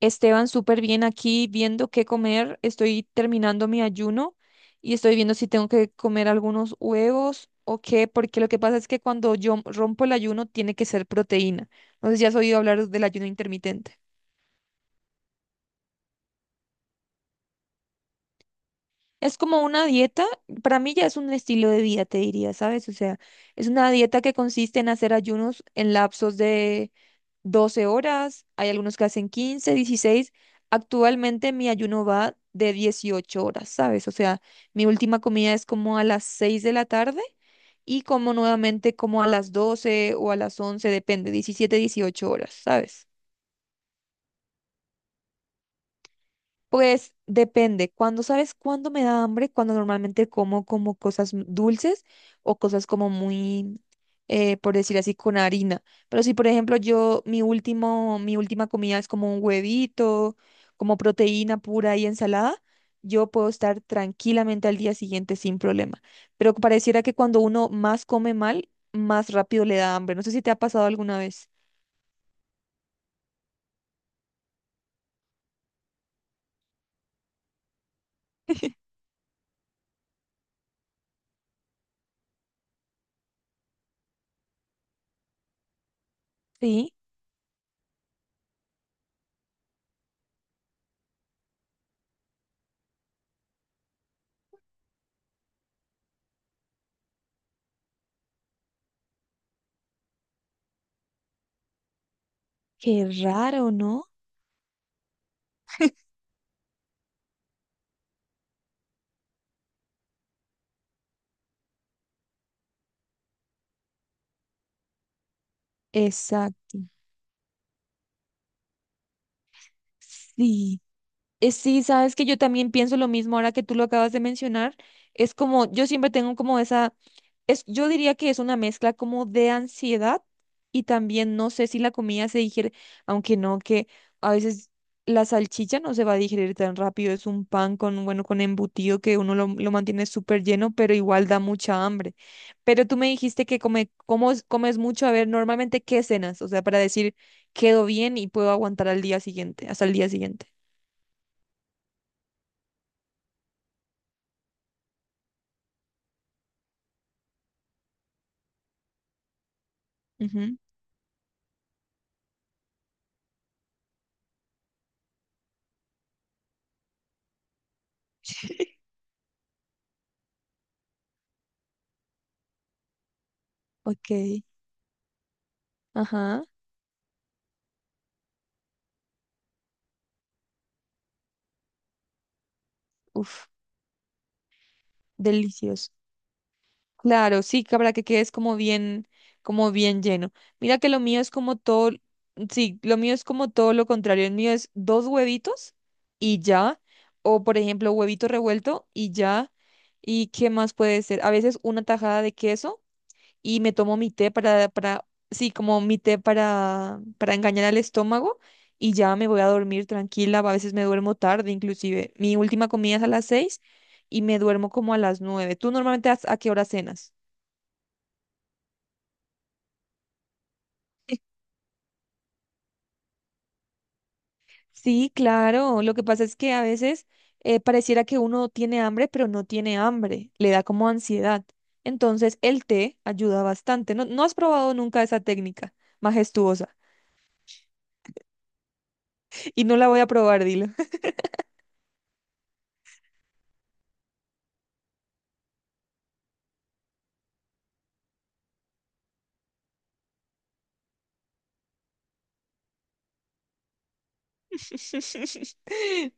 Esteban, súper bien aquí viendo qué comer. Estoy terminando mi ayuno y estoy viendo si tengo que comer algunos huevos o qué, porque lo que pasa es que cuando yo rompo el ayuno tiene que ser proteína. No sé si has oído hablar del ayuno intermitente. Es como una dieta, para mí ya es un estilo de vida, te diría, ¿sabes? O sea, es una dieta que consiste en hacer ayunos en lapsos de 12 horas, hay algunos que hacen 15, 16. Actualmente mi ayuno va de 18 horas, ¿sabes? O sea, mi última comida es como a las 6 de la tarde y como nuevamente como a las 12 o a las 11 depende, 17, 18 horas, ¿sabes? Pues depende. Cuando sabes cuándo me da hambre, cuando normalmente como cosas dulces o cosas como muy, por decir así, con harina. Pero si, por ejemplo, mi última comida es como un huevito, como proteína pura y ensalada, yo puedo estar tranquilamente al día siguiente sin problema. Pero pareciera que cuando uno más come mal, más rápido le da hambre. No sé si te ha pasado alguna vez. Sí, qué raro, ¿no? Exacto. Sí. Sí, sabes que yo también pienso lo mismo ahora que tú lo acabas de mencionar. Es como, yo siempre tengo como yo diría que es una mezcla como de ansiedad y también no sé si la comida se digiere, aunque no, que a veces la salchicha no se va a digerir tan rápido. Es un pan con, bueno, con embutido que uno lo mantiene súper lleno, pero igual da mucha hambre. Pero tú me dijiste que comes mucho. A ver, normalmente, ¿qué cenas? O sea, para decir, quedo bien y puedo aguantar hasta el día siguiente. Ok, ajá, uf, delicioso. Claro, sí, que para que quedes como bien lleno. Mira que lo mío es como todo, sí, lo mío es como todo lo contrario. El mío es dos huevitos y ya, o por ejemplo, huevito revuelto y ya. ¿Y qué más puede ser? A veces una tajada de queso y me tomo mi té sí, como mi té para engañar al estómago y ya me voy a dormir tranquila. A veces me duermo tarde, inclusive. Mi última comida es a las seis y me duermo como a las 9. ¿Tú normalmente a qué hora cenas? Sí, claro. Lo que pasa es que a veces pareciera que uno tiene hambre, pero no tiene hambre. Le da como ansiedad. Entonces el té ayuda bastante. No, ¿no has probado nunca esa técnica majestuosa? Y no la voy a probar, dilo.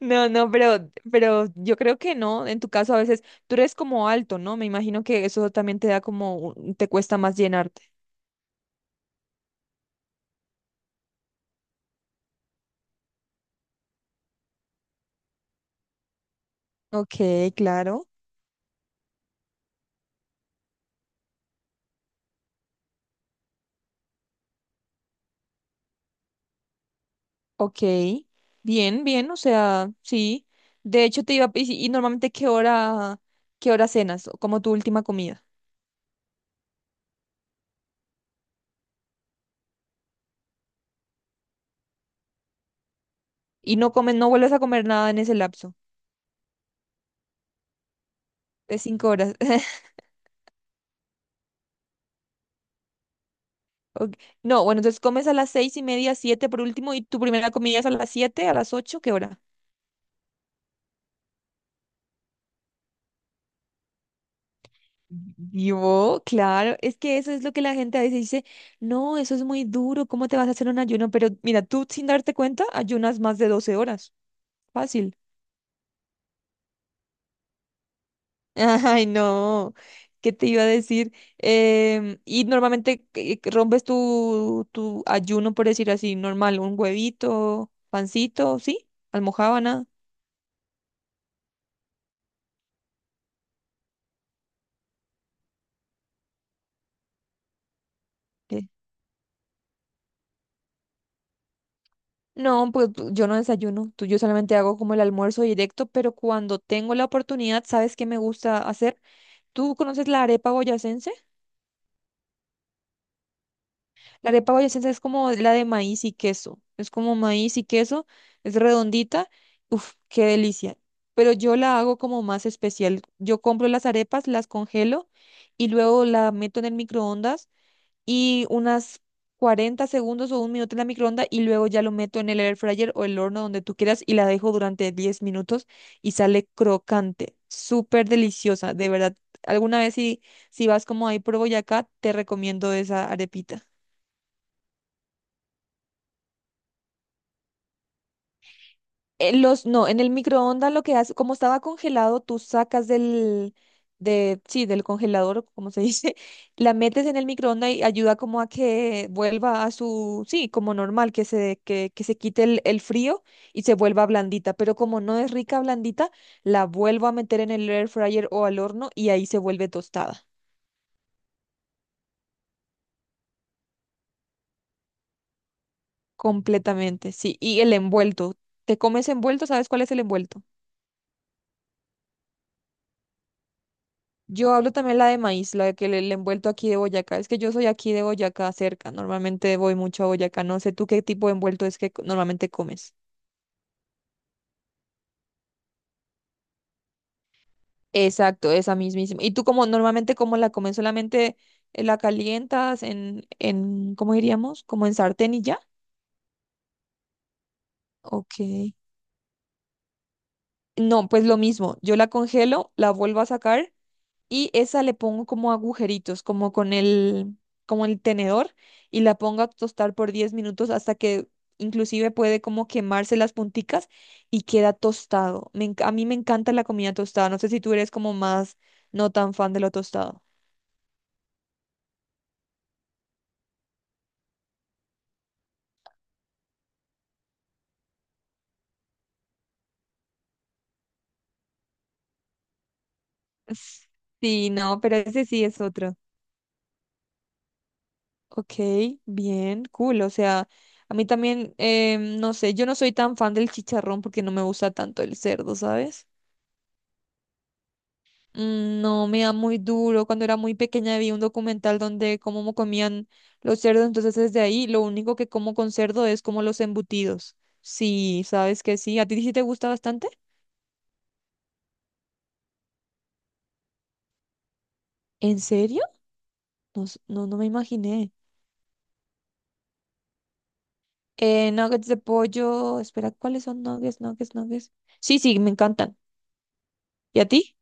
No, no, pero yo creo que no. En tu caso, a veces tú eres como alto, ¿no? Me imagino que eso también te da como, te cuesta más llenarte. Ok, claro. Ok. Bien, bien, o sea, sí. De hecho, te iba a... ¿Y, si, y normalmente qué hora cenas? O como tu última comida. ¿Y no comes, no vuelves a comer nada en ese lapso de 5 horas? Ok, no, bueno, entonces comes a las 6 y media, siete por último, y tu primera comida es a las siete, a las ocho, ¿qué hora? Yo, claro, es que eso es lo que la gente a veces dice, no, eso es muy duro, ¿cómo te vas a hacer un ayuno? Pero mira, tú sin darte cuenta, ayunas más de 12 horas, fácil. Ay, no, ¿qué te iba a decir? Y normalmente ¿qué rompes tu ayuno, por decir así, normal, un huevito, pancito, ¿sí? Almojábana. ¿Qué? No, pues yo no desayuno, tú, yo solamente hago como el almuerzo directo, pero cuando tengo la oportunidad, ¿sabes qué me gusta hacer? ¿Tú conoces la arepa boyacense? La arepa boyacense es como la de maíz y queso. Es como maíz y queso, es redondita. Uf, qué delicia. Pero yo la hago como más especial. Yo compro las arepas, las congelo y luego la meto en el microondas y unas 40 segundos o un minuto en la microonda y luego ya lo meto en el air fryer o el horno donde tú quieras y la dejo durante 10 minutos y sale crocante, súper deliciosa, de verdad. Alguna vez si vas como ahí por Boyacá, te recomiendo esa arepita. Los, no, en el microondas lo que hace, como estaba congelado, tú sacas sí, del congelador, o como se dice, la metes en el microondas y ayuda como a que vuelva a su, sí, como normal, que se quite el frío y se vuelva blandita. Pero como no es rica blandita, la vuelvo a meter en el air fryer o al horno y ahí se vuelve tostada. Completamente, sí. Y el envuelto. ¿Te comes envuelto? ¿Sabes cuál es el envuelto? Yo hablo también la de maíz, la que le envuelto aquí de Boyacá. Es que yo soy aquí de Boyacá cerca. Normalmente voy mucho a Boyacá. No sé tú qué tipo de envuelto es que normalmente comes. Exacto, esa mismísima. ¿Y tú como normalmente cómo la comes? ¿Solamente la calientas ¿cómo diríamos? ¿Como en sartén y ya? Ok. No, pues lo mismo. Yo la congelo, la vuelvo a sacar. Y esa le pongo como agujeritos, como el tenedor y la pongo a tostar por 10 minutos hasta que inclusive puede como quemarse las punticas y queda tostado. A mí me encanta la comida tostada, no sé si tú eres como más no tan fan de lo tostado. S- Sí, no, pero ese sí es otro. Ok, bien, cool. O sea, a mí también, no sé, yo no soy tan fan del chicharrón porque no me gusta tanto el cerdo, ¿sabes? Mm, no, me da muy duro. Cuando era muy pequeña vi un documental donde cómo comían los cerdos, entonces desde ahí lo único que como con cerdo es como los embutidos. Sí, sabes que sí. ¿A ti sí te gusta bastante? ¿En serio? No, no, no me imaginé. Nuggets de pollo. Espera, ¿cuáles son nuggets? Sí, sí, me encantan. ¿Y a ti?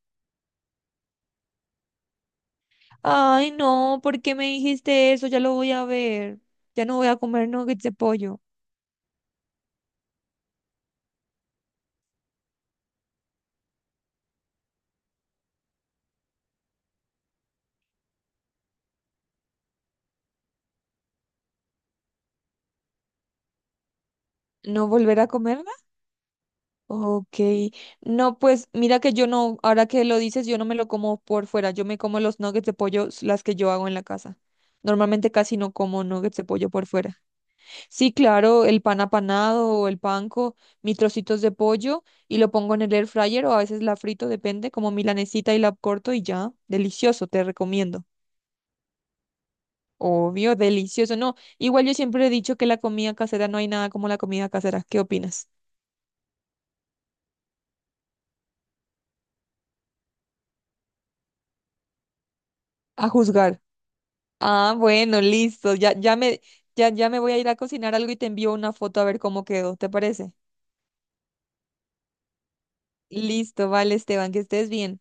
Ay, no, ¿por qué me dijiste eso? Ya lo voy a ver. Ya no voy a comer nuggets de pollo. ¿No volver a comer? Ok, no, pues mira que yo no, ahora que lo dices, yo no me lo como por fuera, yo me como los nuggets de pollo, s- las que yo hago en la casa. Normalmente casi no como nuggets de pollo por fuera. Sí, claro, el pan apanado o el panco, mis trocitos de pollo y lo pongo en el air fryer o a veces la frito, depende, como milanesita y la corto y ya, delicioso, te recomiendo. Obvio, delicioso, no. Igual yo siempre he dicho que la comida casera no hay nada como la comida casera. ¿Qué opinas? A juzgar. Ah, bueno, listo. Ya me voy a ir a cocinar algo y te envío una foto a ver cómo quedó. ¿Te parece? Listo, vale, Esteban, que estés bien.